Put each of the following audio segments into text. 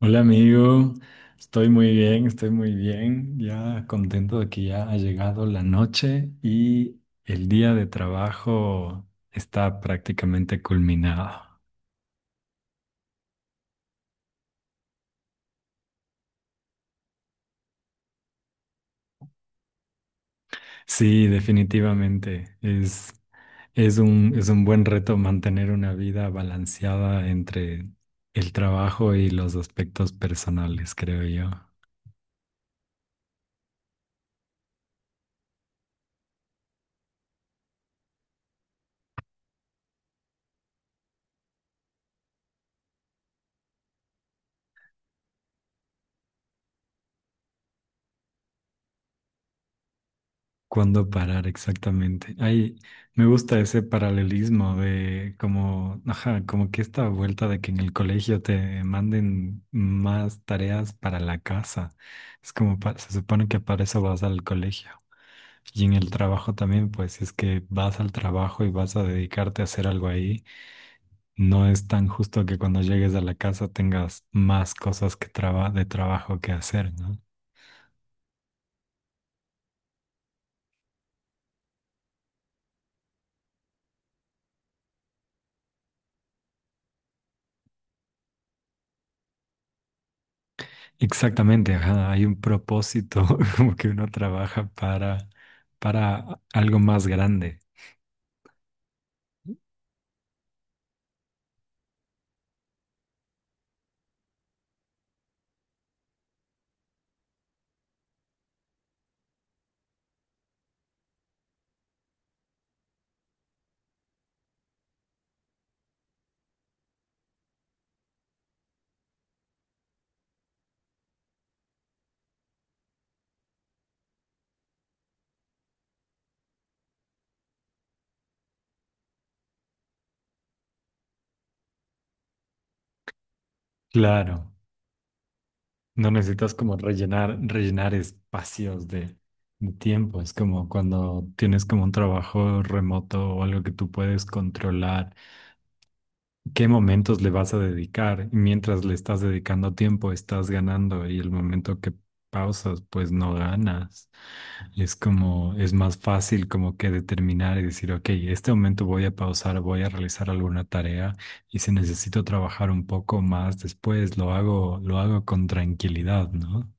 Hola amigo, estoy muy bien, ya contento de que ya ha llegado la noche y el día de trabajo está prácticamente culminado. Sí, definitivamente, es un buen reto mantener una vida balanceada entre el trabajo y los aspectos personales, creo yo. ¿Cuándo parar exactamente? Ay, me gusta ese paralelismo de como, ajá, como que esta vuelta de que en el colegio te manden más tareas para la casa. Es como, se supone que para eso vas al colegio. Y en el trabajo también, pues si es que vas al trabajo y vas a dedicarte a hacer algo ahí, no es tan justo que cuando llegues a la casa tengas más cosas que de trabajo que hacer, ¿no? Exactamente, ajá, hay un propósito, como que uno trabaja para algo más grande. Claro, no necesitas como rellenar espacios de tiempo. Es como cuando tienes como un trabajo remoto o algo que tú puedes controlar. ¿Qué momentos le vas a dedicar? Y mientras le estás dedicando tiempo, estás ganando y el momento que pausas, pues no ganas. Es como, es más fácil como que determinar y decir, ok, este momento voy a pausar, voy a realizar alguna tarea y si necesito trabajar un poco más después, lo hago con tranquilidad, ¿no?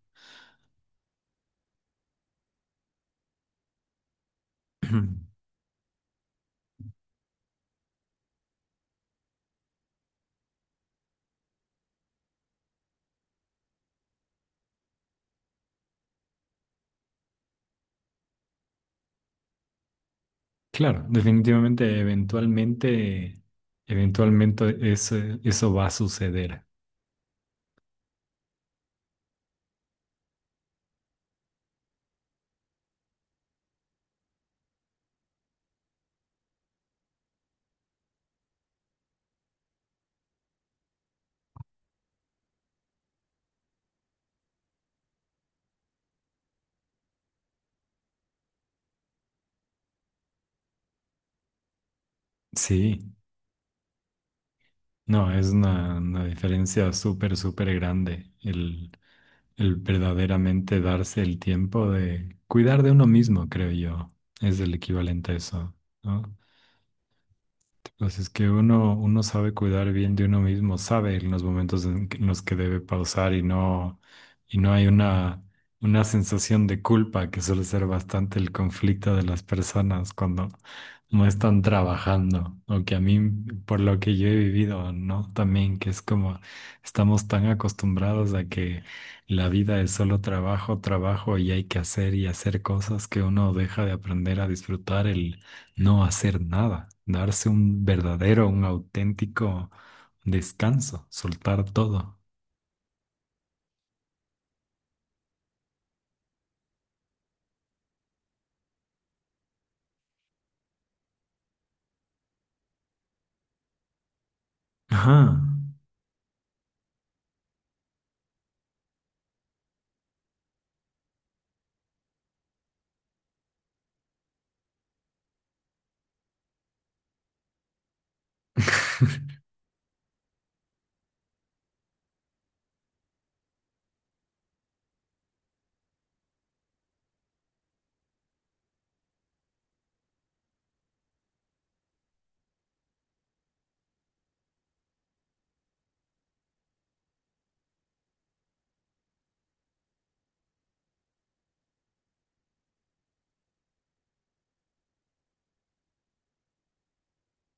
Claro, definitivamente, eventualmente eso va a suceder. Sí, no, es una diferencia súper, súper grande el verdaderamente darse el tiempo de cuidar de uno mismo, creo yo, es el equivalente a eso, ¿no? Pues es que uno sabe cuidar bien de uno mismo, sabe en los momentos en los que debe pausar y no hay una sensación de culpa que suele ser bastante el conflicto de las personas cuando no están trabajando, o que a mí, por lo que yo he vivido, ¿no? También que es como estamos tan acostumbrados a que la vida es solo trabajo, trabajo y hay que hacer y hacer cosas que uno deja de aprender a disfrutar no hacer nada, darse un verdadero, un auténtico descanso, soltar todo. Ajá.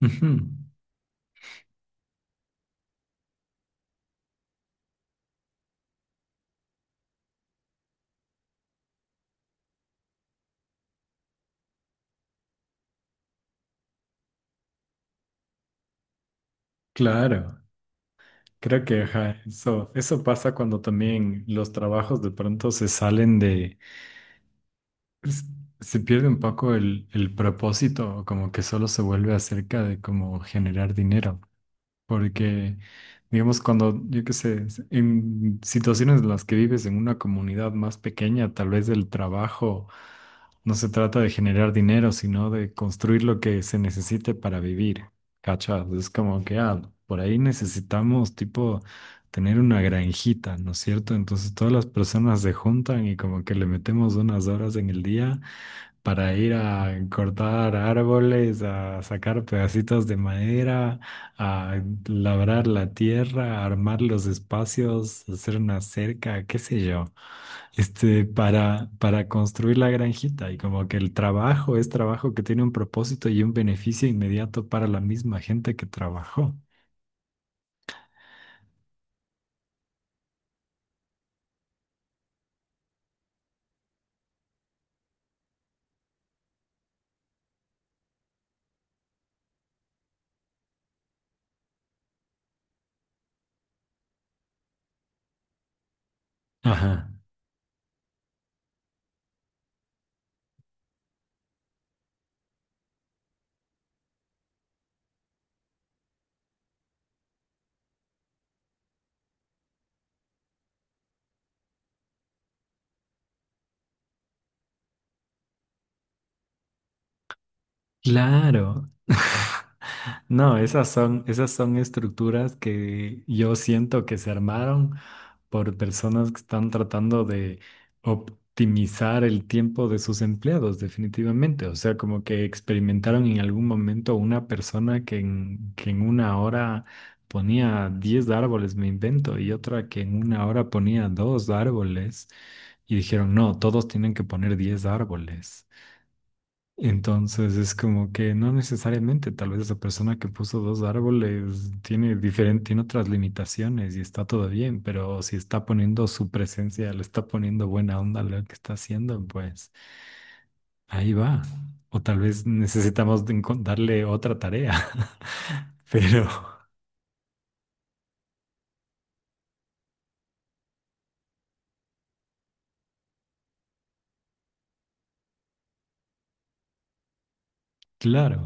Ujú, claro, creo que ajá, eso pasa cuando también los trabajos de pronto se salen de, s- se pierde un poco el propósito, como que solo se vuelve acerca de cómo generar dinero. Porque, digamos, cuando, yo qué sé, en situaciones en las que vives en una comunidad más pequeña, tal vez el trabajo no se trata de generar dinero, sino de construir lo que se necesite para vivir. ¿Cachas? Es como que, ah, por ahí necesitamos, tipo, tener una granjita, ¿no es cierto? Entonces todas las personas se juntan y como que le metemos unas horas en el día para ir a cortar árboles, a sacar pedacitos de madera, a labrar la tierra, a armar los espacios, hacer una cerca, qué sé yo, para construir la granjita. Y como que el trabajo es trabajo que tiene un propósito y un beneficio inmediato para la misma gente que trabajó. Ajá. Claro. No, esas son estructuras que yo siento que se armaron por personas que están tratando de optimizar el tiempo de sus empleados, definitivamente. O sea, como que experimentaron en algún momento una persona que en una hora ponía 10 árboles, me invento, y otra que en una hora ponía dos árboles. Y dijeron, no, todos tienen que poner 10 árboles. Entonces es como que no necesariamente, tal vez esa persona que puso dos árboles tiene diferente, tiene otras limitaciones y está todo bien, pero si está poniendo su presencia, le está poniendo buena onda a lo que está haciendo, pues ahí va. O tal vez necesitamos de darle otra tarea. Pero, claro.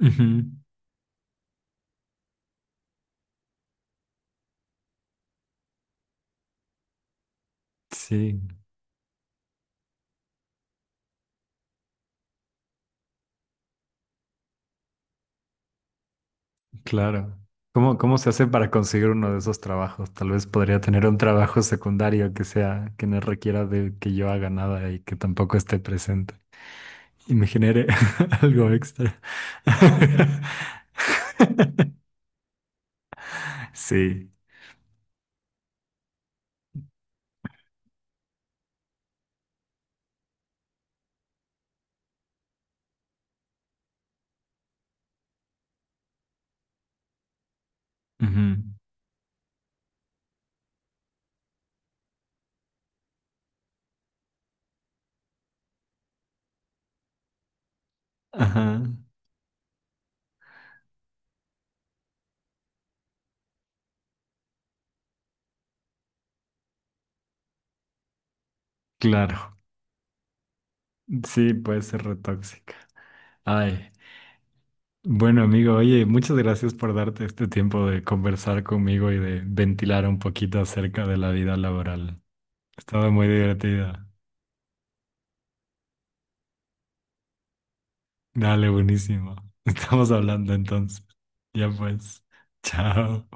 Ujú. Sí. Claro. ¿Cómo se hace para conseguir uno de esos trabajos? Tal vez podría tener un trabajo secundario que sea, que no requiera de que yo haga nada y que tampoco esté presente y me genere algo extra. Sí. Ujú. Ajá. Claro. Sí, puede ser retóxica. Ay. Bueno, amigo, oye, muchas gracias por darte este tiempo de conversar conmigo y de ventilar un poquito acerca de la vida laboral. Estaba muy divertida. Dale, buenísimo. Estamos hablando entonces. Ya pues. Chao.